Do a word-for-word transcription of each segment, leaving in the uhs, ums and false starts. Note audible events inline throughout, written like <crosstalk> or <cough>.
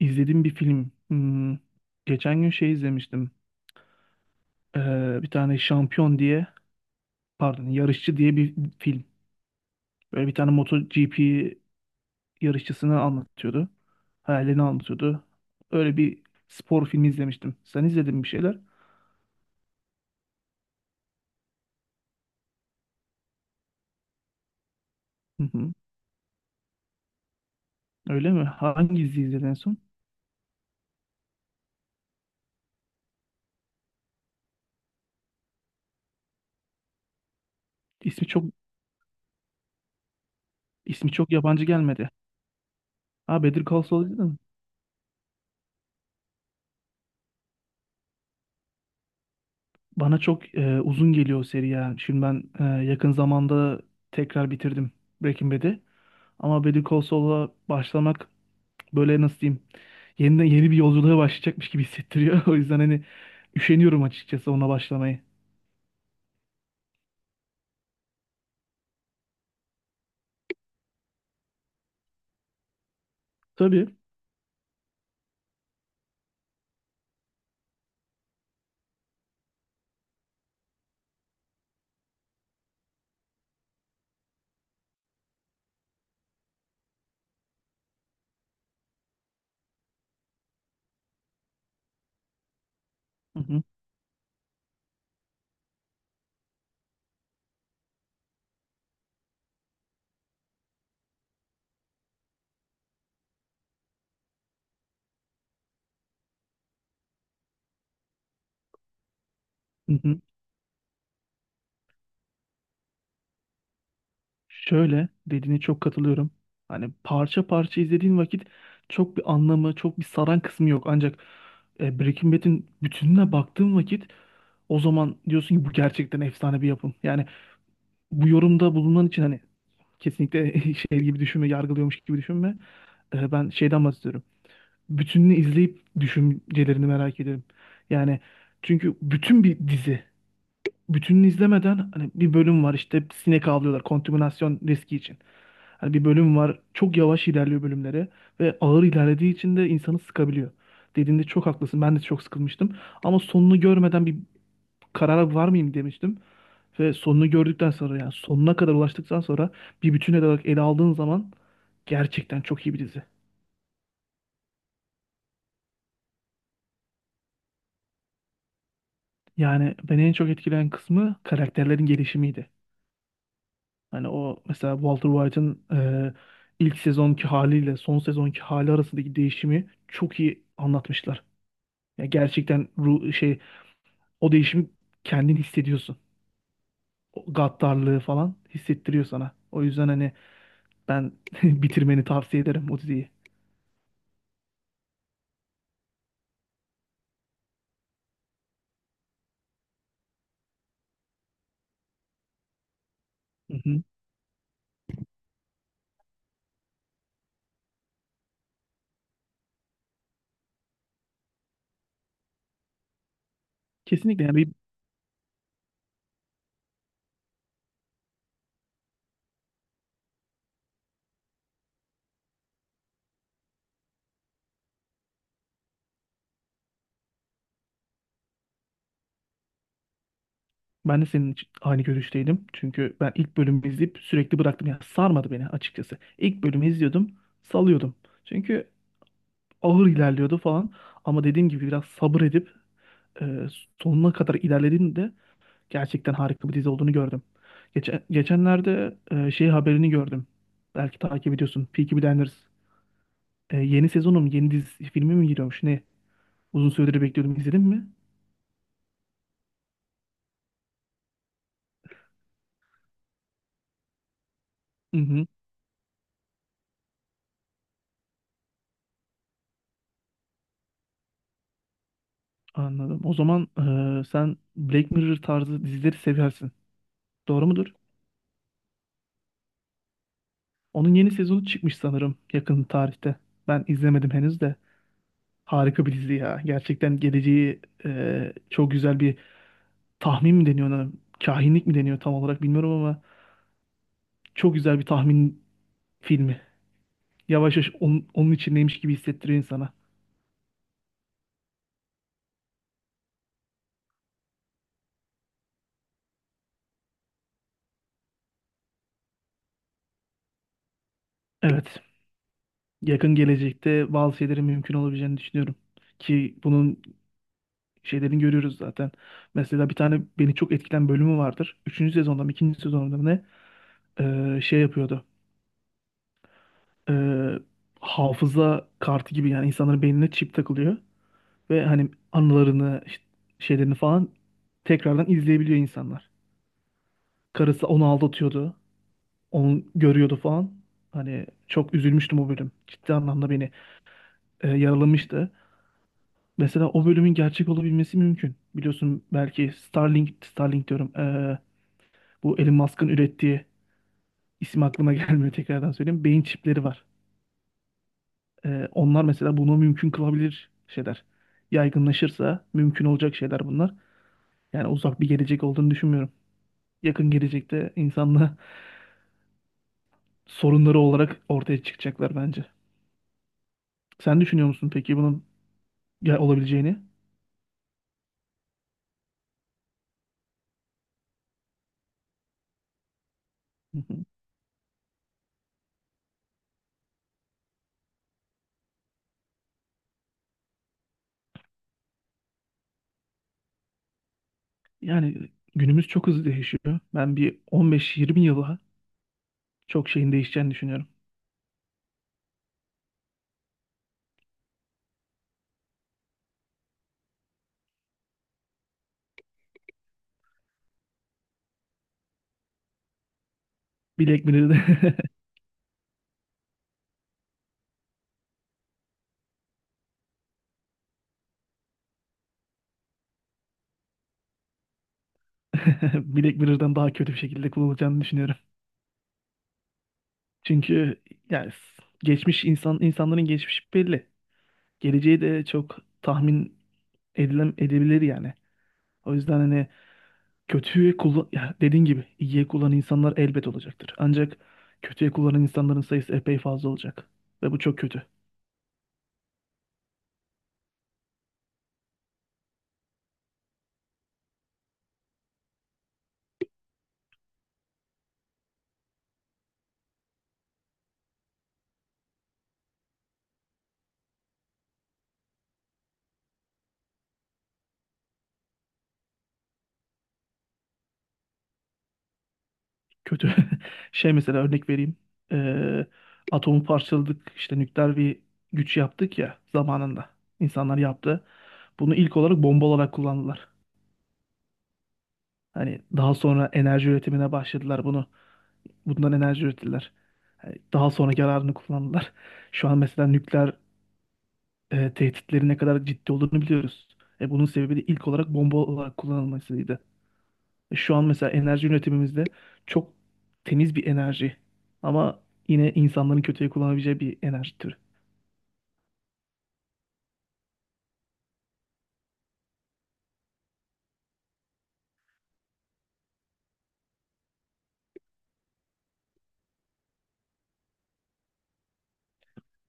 İzlediğim bir film. Hmm, Geçen gün şey izlemiştim. Ee, bir tane şampiyon diye, pardon, yarışçı diye bir film. Böyle bir tane MotoGP yarışçısını anlatıyordu. Hayalini anlatıyordu. Öyle bir spor filmi izlemiştim. Sen izledin mi bir şeyler? Hı hı. Öyle mi? Hangi dizi izledin en son? İsmi çok ismi çok yabancı gelmedi. Ha Better Call Saul izledin mi? Bana çok e, uzun geliyor o seri ya. Şimdi ben e, yakın zamanda tekrar bitirdim Breaking Bad'i. Ama Better Call Saul'a başlamak böyle nasıl diyeyim yeniden yeni bir yolculuğa başlayacakmış gibi hissettiriyor. <laughs> O yüzden hani üşeniyorum açıkçası ona başlamayı. Tabii. Hı hı. Hı hı. Şöyle dediğine çok katılıyorum. Hani parça parça izlediğin vakit çok bir anlamı, çok bir saran kısmı yok. Ancak e, Breaking Bad'in bütününe baktığın vakit o zaman diyorsun ki bu gerçekten efsane bir yapım. Yani bu yorumda bulunan için hani kesinlikle <laughs> şey gibi düşünme, yargılıyormuş gibi düşünme. E, ben şeyden bahsediyorum. bütününü izleyip düşüncelerini merak ederim. Yani çünkü bütün bir dizi bütününü izlemeden hani bir bölüm var işte sinek avlıyorlar kontaminasyon riski için. Hani bir bölüm var çok yavaş ilerliyor bölümleri ve ağır ilerlediği için de insanı sıkabiliyor. Dediğinde çok haklısın. Ben de çok sıkılmıştım. Ama sonunu görmeden bir karara var mıyım demiştim. Ve sonunu gördükten sonra yani sonuna kadar ulaştıktan sonra bir bütün olarak ele aldığın zaman gerçekten çok iyi bir dizi. Yani beni en çok etkileyen kısmı karakterlerin gelişimiydi. Hani o mesela Walter White'ın e, ilk sezonki haliyle son sezonki hali arasındaki değişimi çok iyi anlatmışlar. Ya gerçekten ru şey o değişimi kendin hissediyorsun. O gaddarlığı falan hissettiriyor sana. O yüzden hani ben <laughs> bitirmeni tavsiye ederim o diziyi. Hı hı. Kesinlikle yani Ben de senin için aynı görüşteydim. Çünkü ben ilk bölümü izleyip sürekli bıraktım. Yani sarmadı beni açıkçası. İlk bölümü izliyordum, salıyordum. Çünkü ağır ilerliyordu falan. Ama dediğim gibi biraz sabır edip e, sonuna kadar ilerlediğinde gerçekten harika bir dizi olduğunu gördüm. Geçen, geçenlerde e, şey haberini gördüm. Belki takip ediyorsun. Peaky Blinders. E, yeni sezonu mu, yeni dizi filmi mi giriyormuş? Ne? Uzun süredir bekliyordum. İzledin mi? Hı hı, anladım. O zaman e, sen Black Mirror tarzı dizileri seversin. Doğru mudur? Onun yeni sezonu çıkmış sanırım yakın tarihte. Ben izlemedim henüz de. Harika bir dizi ya. Gerçekten geleceği e, çok güzel bir tahmin mi deniyor ona? Kahinlik mi deniyor tam olarak bilmiyorum ama çok güzel bir tahmin filmi. Yavaş yavaş onun, onun içindeymiş gibi hissettiriyor insana. Evet. yakın gelecekte bazı şeylerin mümkün olabileceğini düşünüyorum. Ki bunun şeylerini görüyoruz zaten. Mesela bir tane beni çok etkilen bölümü vardır. Üçüncü sezonda mı ikinci sezonda mı ne Ee, şey yapıyordu. Ee, hafıza kartı gibi yani insanların beynine çip takılıyor. Ve hani anılarını işte şeylerini falan tekrardan izleyebiliyor insanlar. Karısı onu aldatıyordu. Onu görüyordu falan. Hani çok üzülmüştüm o bölüm. Ciddi anlamda beni e, yaralamıştı. Mesela o bölümün gerçek olabilmesi mümkün. Biliyorsun belki Starlink, Starlink diyorum. eee, bu Elon Musk'ın ürettiği isim aklıma <laughs> gelmiyor tekrardan söyleyeyim. Beyin çipleri var. Eee, onlar mesela bunu mümkün kılabilir şeyler. Yaygınlaşırsa mümkün olacak şeyler bunlar. Yani uzak bir gelecek olduğunu düşünmüyorum. Yakın gelecekte insanla <laughs> sorunları olarak ortaya çıkacaklar bence. Sen düşünüyor musun peki bunun ya- olabileceğini? Hı hı. Yani günümüz çok hızlı değişiyor. Ben bir on beş yirmi yıla çok şeyin değişeceğini düşünüyorum. Black Mirror'da <laughs> Black Mirror'dan daha kötü bir şekilde kullanılacağını düşünüyorum. Çünkü yani s- geçmiş insan insanların geçmişi belli. Geleceği de çok tahmin edilem edebilir yani. O yüzden hani kötüye kullan ya dediğin gibi iyiye kullanan insanlar elbet olacaktır. Ancak kötüye kullanan insanların sayısı epey fazla olacak ve bu çok kötü. Kötü. <laughs> Şey mesela örnek vereyim. Ee, atomu parçaladık işte nükleer bir güç yaptık ya zamanında. İnsanlar yaptı. Bunu ilk olarak bomba olarak kullandılar. Hani daha sonra enerji üretimine başladılar bunu. Bundan enerji ürettiler. Hani daha sonra yararını kullandılar. Şu an mesela nükleer e, tehditlerin ne kadar ciddi olduğunu biliyoruz. E, bunun sebebi de ilk olarak bomba olarak kullanılmasıydı. E, şu an mesela enerji üretimimizde çok temiz bir enerji ama yine insanların kötüye kullanabileceği bir enerji türü.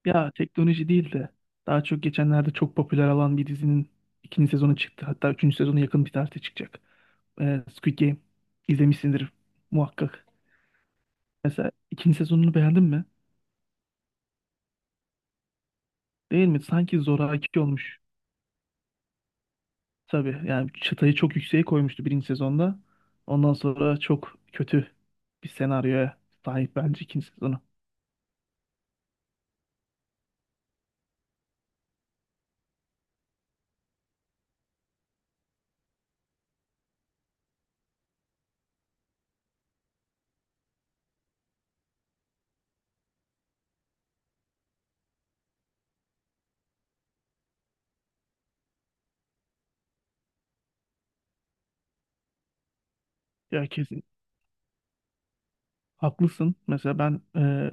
Ya teknoloji değil de daha çok geçenlerde çok popüler olan bir dizinin ikinci sezonu çıktı. Hatta üçüncü sezonu yakın bir tarihte çıkacak. Ee, Squid Game izlemişsindir muhakkak. Mesela ikinci sezonunu beğendin mi? Değil mi? Sanki zoraki olmuş. Tabii yani çıtayı çok yükseğe koymuştu birinci sezonda. Ondan sonra çok kötü bir senaryoya sahip bence ikinci sezonu. Ya kesin haklısın. Mesela ben e,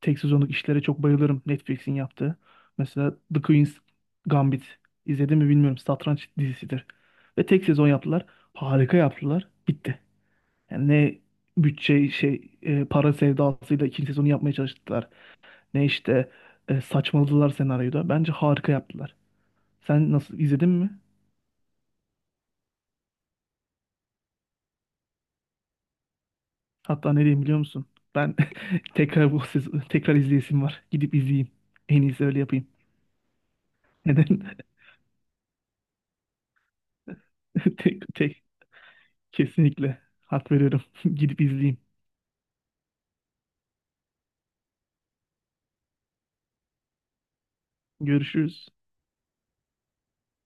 tek sezonluk işlere çok bayılırım Netflix'in yaptığı. Mesela The Queen's Gambit izledim mi bilmiyorum. Satranç dizisidir. Ve tek sezon yaptılar. Harika yaptılar. Bitti. Yani ne bütçe şey e, para sevdasıyla ikinci sezonu yapmaya çalıştılar. Ne işte e, saçmaladılar senaryoda. Bence harika yaptılar. Sen nasıl izledin mi? Hatta ne diyeyim biliyor musun? Ben <laughs> tekrar bu sezon, tekrar izleyesim var. Gidip izleyeyim. En iyisi öyle yapayım. Neden? <laughs> Tek, tek. Kesinlikle. Hak veriyorum. <laughs> Gidip izleyeyim. Görüşürüz.